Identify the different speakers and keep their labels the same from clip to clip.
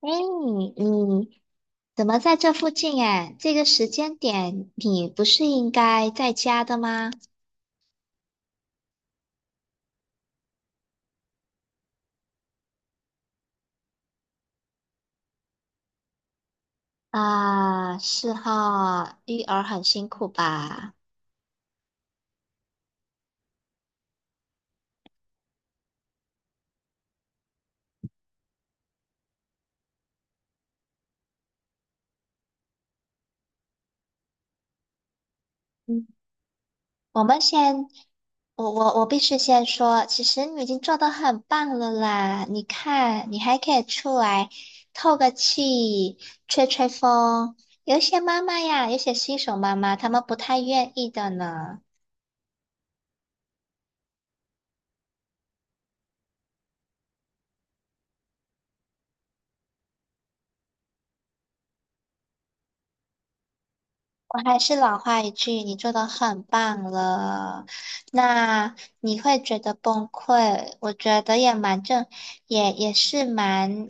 Speaker 1: 哎，你怎么在这附近？哎，这个时间点你不是应该在家的吗？啊，是哈，育儿很辛苦吧？嗯，我们先，我必须先说，其实你已经做得很棒了啦。你看，你还可以出来透个气，吹吹风。有一些妈妈呀，有些新手妈妈，她们不太愿意的呢。我还是老话一句，你做的很棒了。那你会觉得崩溃，我觉得也蛮正，也也是蛮，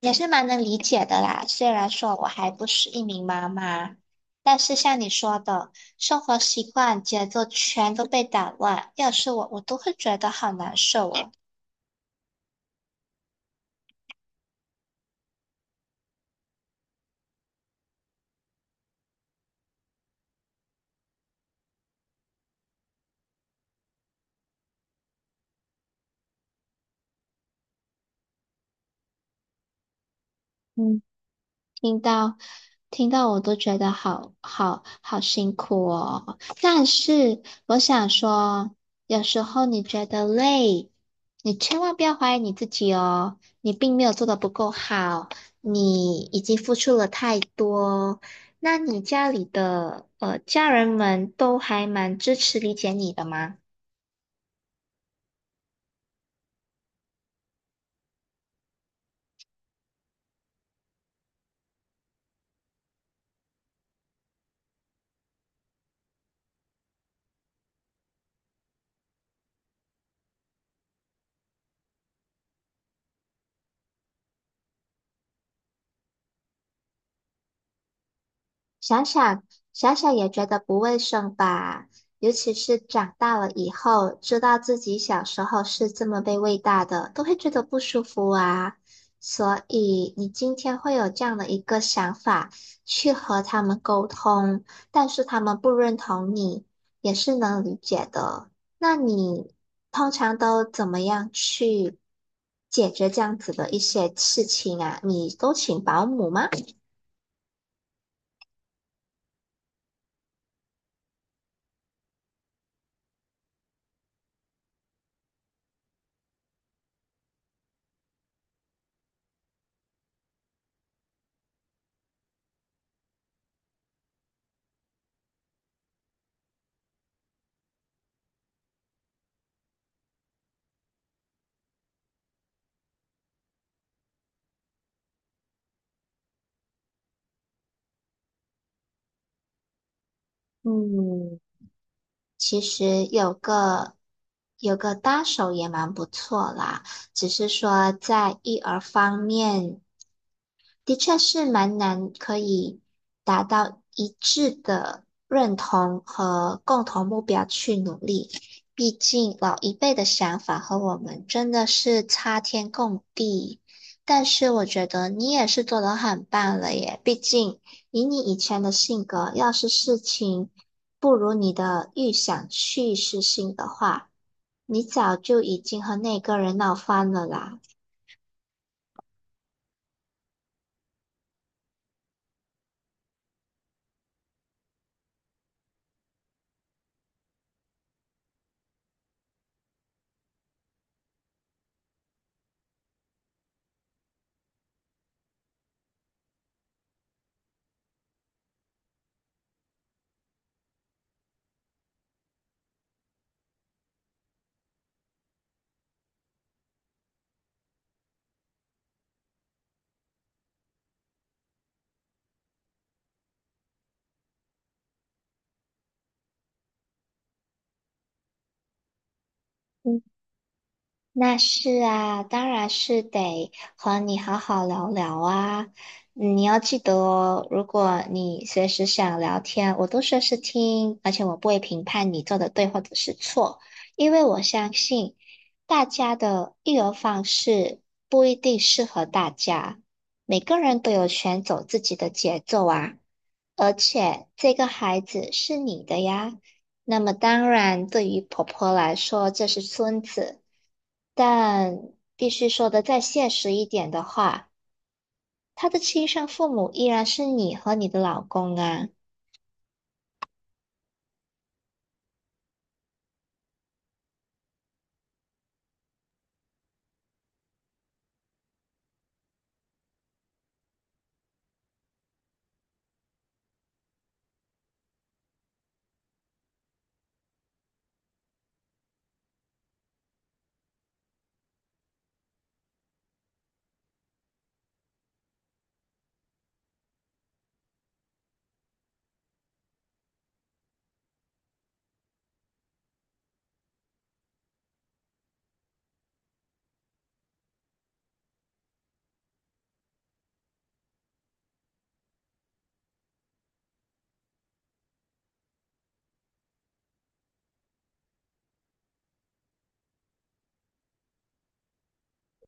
Speaker 1: 也是蛮能理解的啦。虽然说我还不是一名妈妈，但是像你说的，生活习惯、节奏全都被打乱，要是我，我都会觉得好难受哦。听到听到我都觉得好辛苦哦。但是我想说，有时候你觉得累，你千万不要怀疑你自己哦。你并没有做的不够好，你已经付出了太多。那你家里的家人们都还蛮支持理解你的吗？想想想想也觉得不卫生吧，尤其是长大了以后，知道自己小时候是这么被喂大的，都会觉得不舒服啊。所以你今天会有这样的一个想法，去和他们沟通，但是他们不认同你，也是能理解的。那你通常都怎么样去解决这样子的一些事情啊？你都请保姆吗？嗯，其实有个搭手也蛮不错啦，只是说在育儿方面，的确是蛮难可以达到一致的认同和共同目标去努力。毕竟老一辈的想法和我们真的是差天共地。但是我觉得你也是做得很棒了耶，毕竟以你以前的性格，要是事情不如你的预想去实行的话，你早就已经和那个人闹翻了啦。嗯，那是啊，当然是得和你好好聊聊啊。嗯，你要记得哦，如果你随时想聊天，我都随时听，而且我不会评判你做的对或者是错，因为我相信大家的育儿方式不一定适合大家，每个人都有权走自己的节奏啊。而且这个孩子是你的呀，那么当然，对于婆婆来说，这是孙子。但必须说的再现实一点的话，他的亲生父母依然是你和你的老公啊。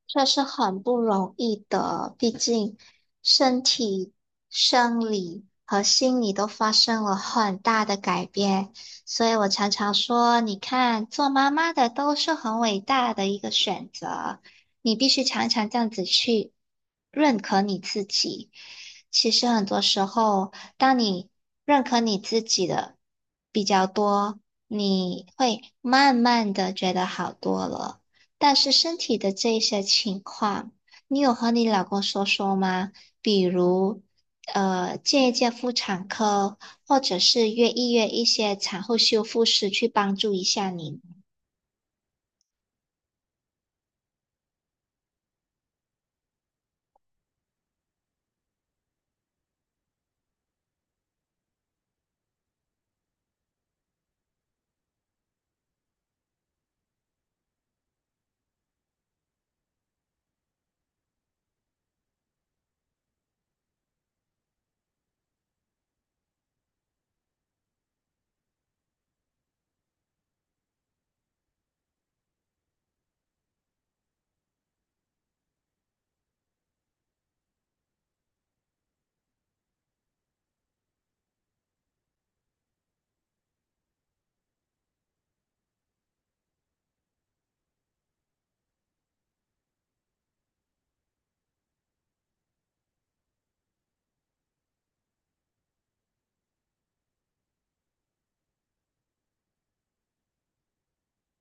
Speaker 1: 这是很不容易的，毕竟身体、生理和心理都发生了很大的改变，所以我常常说，你看，做妈妈的都是很伟大的一个选择，你必须常常这样子去认可你自己。其实很多时候，当你认可你自己的比较多，你会慢慢的觉得好多了。但是身体的这些情况，你有和你老公说说吗？比如，见一见妇产科，或者是约一些产后修复师去帮助一下你。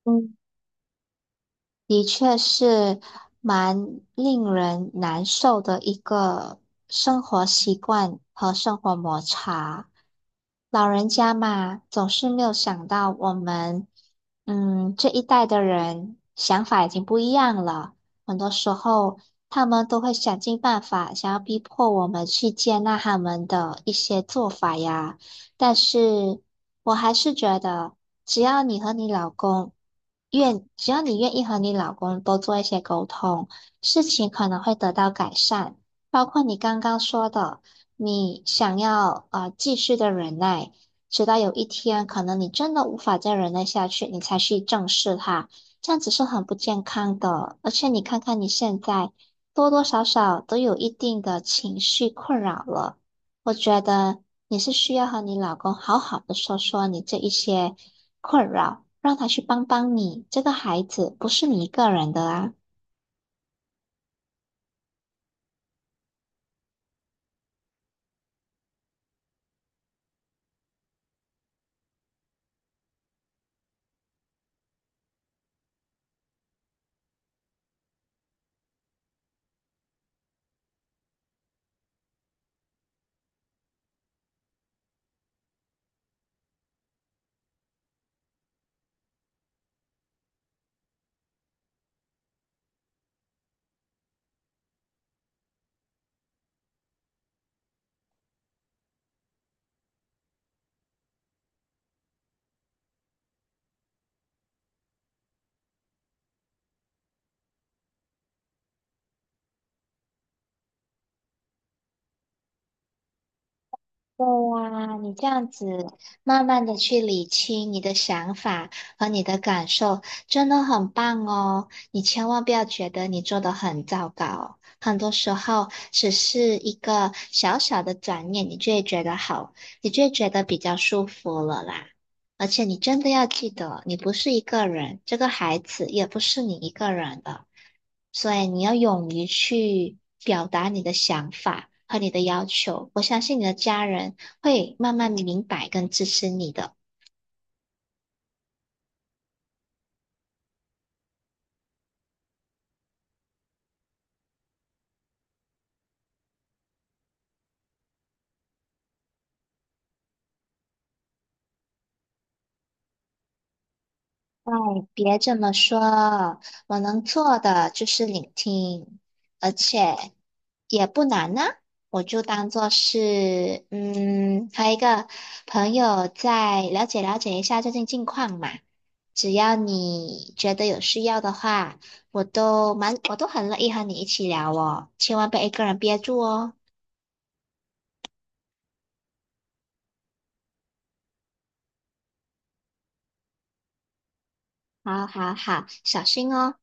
Speaker 1: 嗯。的确是蛮令人难受的一个生活习惯和生活摩擦。老人家嘛，总是没有想到我们，嗯，这一代的人想法已经不一样了。很多时候，他们都会想尽办法，想要逼迫我们去接纳他们的一些做法呀。但是我还是觉得。只要你和你老公只要你愿意和你老公多做一些沟通，事情可能会得到改善。包括你刚刚说的，你想要继续的忍耐，直到有一天可能你真的无法再忍耐下去，你才去正视它，这样子是很不健康的。而且你看看你现在多多少少都有一定的情绪困扰了。我觉得你是需要和你老公好好的说说你这一些困扰，让他去帮帮你。这个孩子不是你一个人的啊。对呀，你这样子慢慢的去理清你的想法和你的感受，真的很棒哦。你千万不要觉得你做的很糟糕，很多时候只是一个小小的转念，你就会觉得好，你就会觉得比较舒服了啦。而且你真的要记得，你不是一个人，这个孩子也不是你一个人的，所以你要勇于去表达你的想法和你的要求。我相信你的家人会慢慢明白跟支持你的。哎，别这么说，我能做的就是聆听，而且也不难呢、我就当做是，嗯，和一个朋友在了解了解一下最近近况嘛。只要你觉得有需要的话，我都很乐意和你一起聊哦，千万别一个人憋住哦。好好好，小心哦。